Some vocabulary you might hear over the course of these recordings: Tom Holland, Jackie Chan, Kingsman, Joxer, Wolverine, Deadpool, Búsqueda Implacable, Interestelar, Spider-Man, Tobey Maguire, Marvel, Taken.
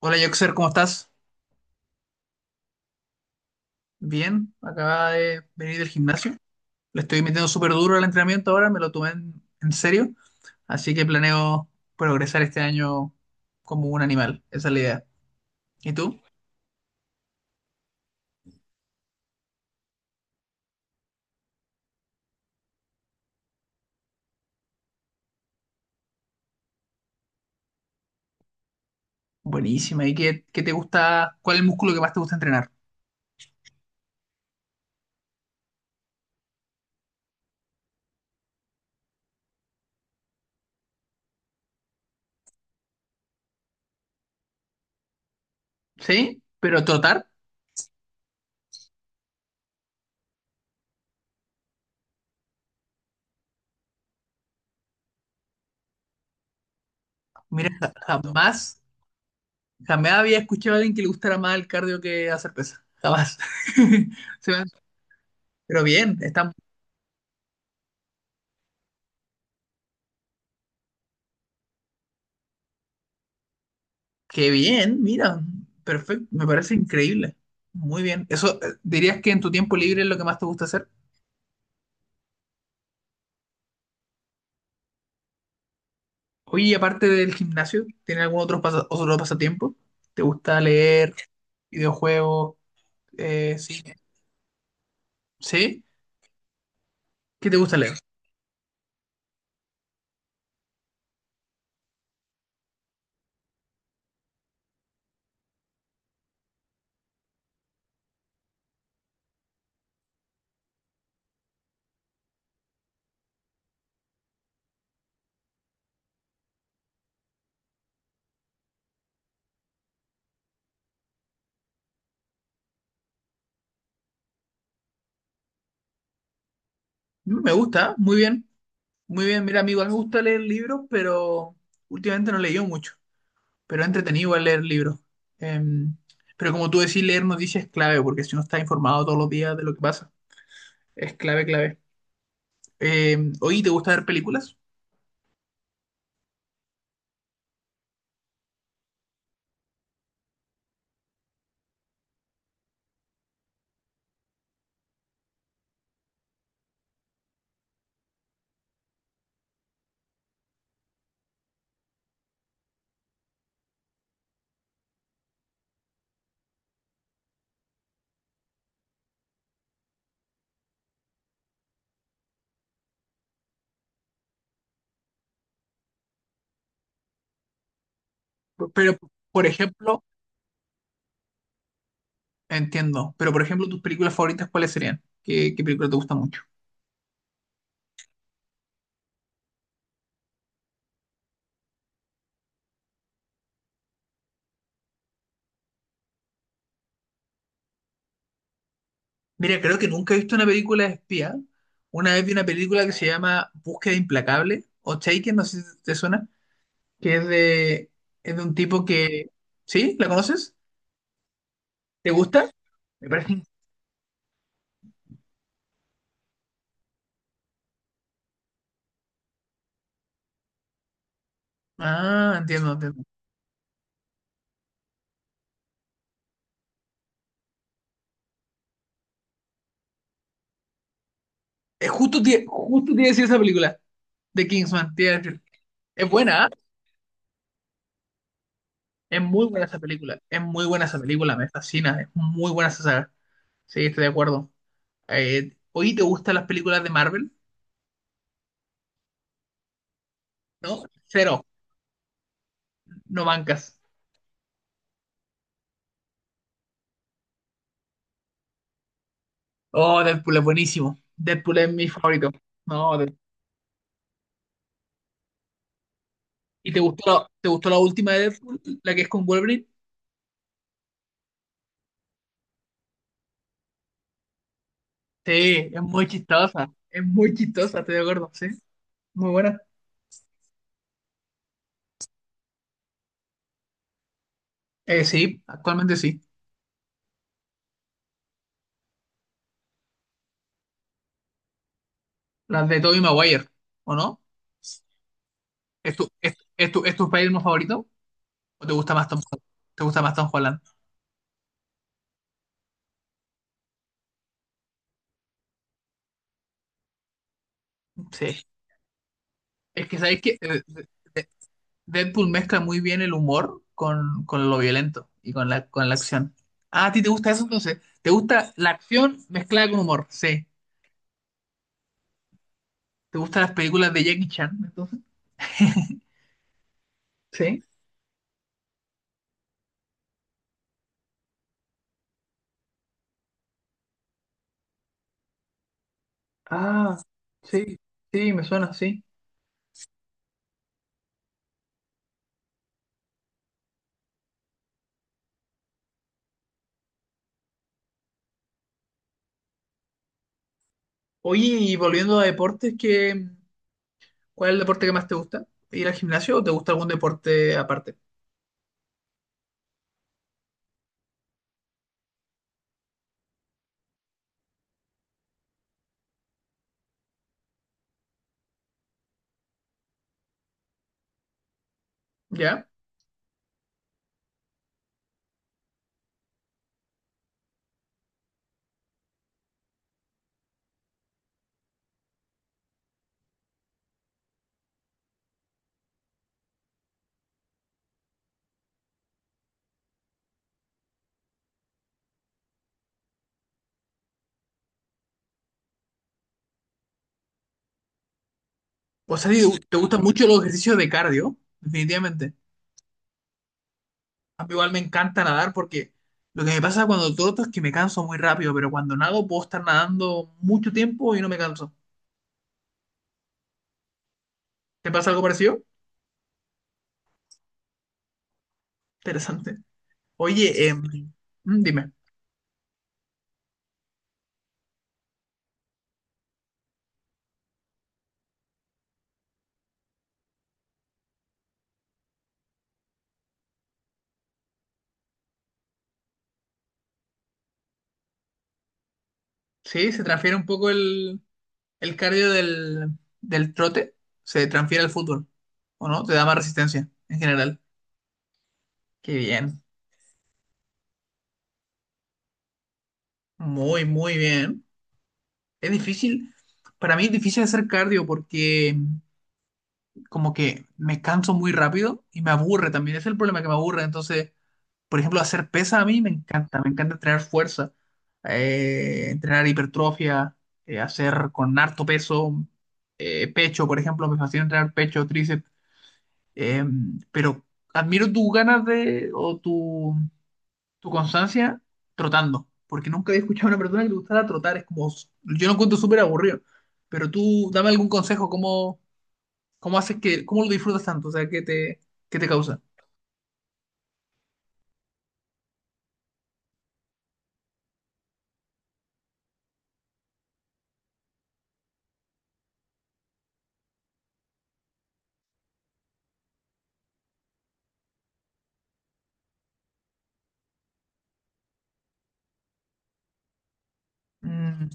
Hola Joxer, ¿cómo estás? Bien, acaba de venir del gimnasio. Le estoy metiendo súper duro al entrenamiento ahora, me lo tomé en serio, así que planeo progresar este año como un animal, esa es la idea. ¿Y tú? Buenísima, ¿y qué te gusta? ¿Cuál es el músculo que más te gusta entrenar? ¿Sí? ¿Pero trotar? Mira, jamás, jamás había escuchado a alguien que le gustara más el cardio que hacer pesas, jamás. Se me- Pero bien, estamos. Qué bien, mira, perfecto, me parece increíble. Muy bien. Eso, ¿dirías que en tu tiempo libre es lo que más te gusta hacer? Oye, y aparte del gimnasio, ¿tienes algún otro pasatiempo? ¿Te gusta leer, videojuegos, cine? ¿Sí? ¿Qué te gusta leer? Me gusta, muy bien, muy bien. Mira, a mí igual me gusta leer libros, pero últimamente no he leído mucho, pero he entretenido igual leer libros. Em, pero como tú decís, leer noticias es clave, porque si uno está informado todos los días de lo que pasa, es clave, clave. Oye, ¿te gusta ver películas? Pero, por ejemplo, Entiendo, pero por ejemplo, tus películas favoritas, ¿cuáles serían? ¿Qué película te gusta mucho? Mira, creo que nunca he visto una película de espía. Una vez vi una película que se llama Búsqueda Implacable o Taken, no sé si te suena, que es de un tipo que. ¿Sí? ¿La conoces? ¿Te gusta? Me parece. Ah, entiendo, entiendo. Es justo, justo te iba a decir esa película de Kingsman, te iba a decir. Es buena, ¿ah? Es muy buena esa película, es muy buena esa película, me fascina, es muy buena esa saga. Sí, estoy de acuerdo. ¿Hoy te gustan las películas de Marvel? ¿No? Cero, no bancas. Oh, Deadpool es buenísimo. Deadpool es mi favorito. No, Deadpool. ¿Y te gustó la última de Deadpool, la que es con Wolverine? Sí, es muy chistosa, estoy de acuerdo, sí, muy buena. Sí, actualmente sí. Las de Tobey Maguire, ¿o no? ¿Es tu Spider-Man favorito? ¿O te gusta más Tom Holland? Sí, es que sabéis que Deadpool mezcla muy bien el humor con lo violento y con la acción. Ah, ¿a ti te gusta eso entonces? ¿Te gusta la acción mezclada con humor? Sí. ¿Te gustan las películas de Jackie Chan entonces? Sí. Ah, sí, sí, me suena, sí. Oye, y volviendo a deportes, cuál es el deporte que más te gusta? ¿Ir al gimnasio o te gusta algún deporte aparte? ¿Ya? O sea, si te gustan mucho los ejercicios de cardio, definitivamente. A mí igual me encanta nadar porque lo que me pasa cuando troto es que me canso muy rápido, pero cuando nado puedo estar nadando mucho tiempo y no me canso. ¿Te pasa algo parecido? Interesante. Oye, dime, ¿sí? ¿Se transfiere un poco el cardio del trote? ¿Se transfiere al fútbol? ¿O no? ¿Te da más resistencia en general? Qué bien. Muy, muy bien. Es difícil. Para mí es difícil hacer cardio porque como que me canso muy rápido y me aburre también. Ese es el problema que me aburre. Entonces. Por ejemplo, hacer pesas a mí me encanta entrenar fuerza, entrenar hipertrofia, hacer con harto peso, pecho, por ejemplo, me fascina entrenar pecho, tríceps, eh, pero admiro tus ganas de, o tu, constancia trotando, porque nunca había escuchado a una persona que le gustara trotar, es como, yo lo encuentro súper aburrido, pero tú dame algún consejo, cómo lo disfrutas tanto? O sea, ¿qué te causa? Mm,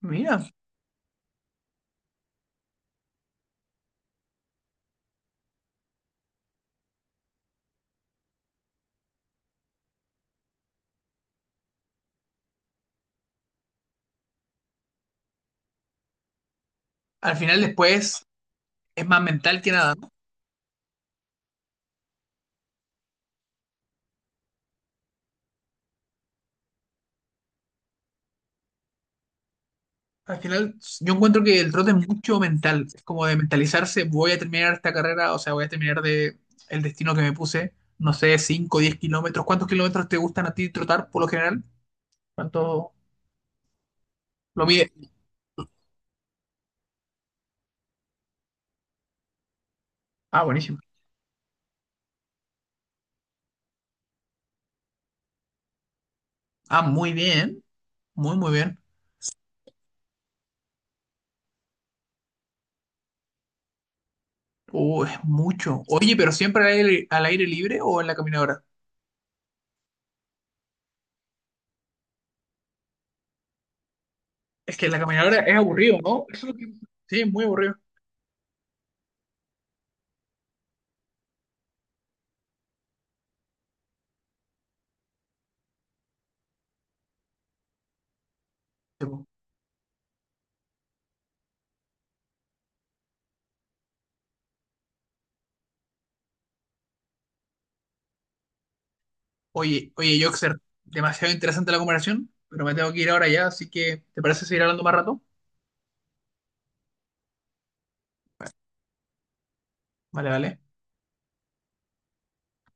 Mira, al final después es más mental que nada, ¿no? Al final, yo encuentro que el trote es mucho mental, es como de mentalizarse, voy a terminar esta carrera, o sea, voy a terminar de el destino que me puse, no sé, 5, 10 kilómetros. ¿Cuántos kilómetros te gustan a ti trotar por lo general? ¿Cuánto lo mide? Ah, buenísimo. Ah, muy bien, muy, muy bien. Es mucho. Oye, pero ¿siempre al aire libre o en la caminadora? Es que en la caminadora es aburrido, ¿no? Eso es lo que. Sí, es muy aburrido. Oye, oye, Joxer, demasiado interesante la conversación, pero me tengo que ir ahora ya, así que ¿te parece seguir hablando más rato? Vale, vale.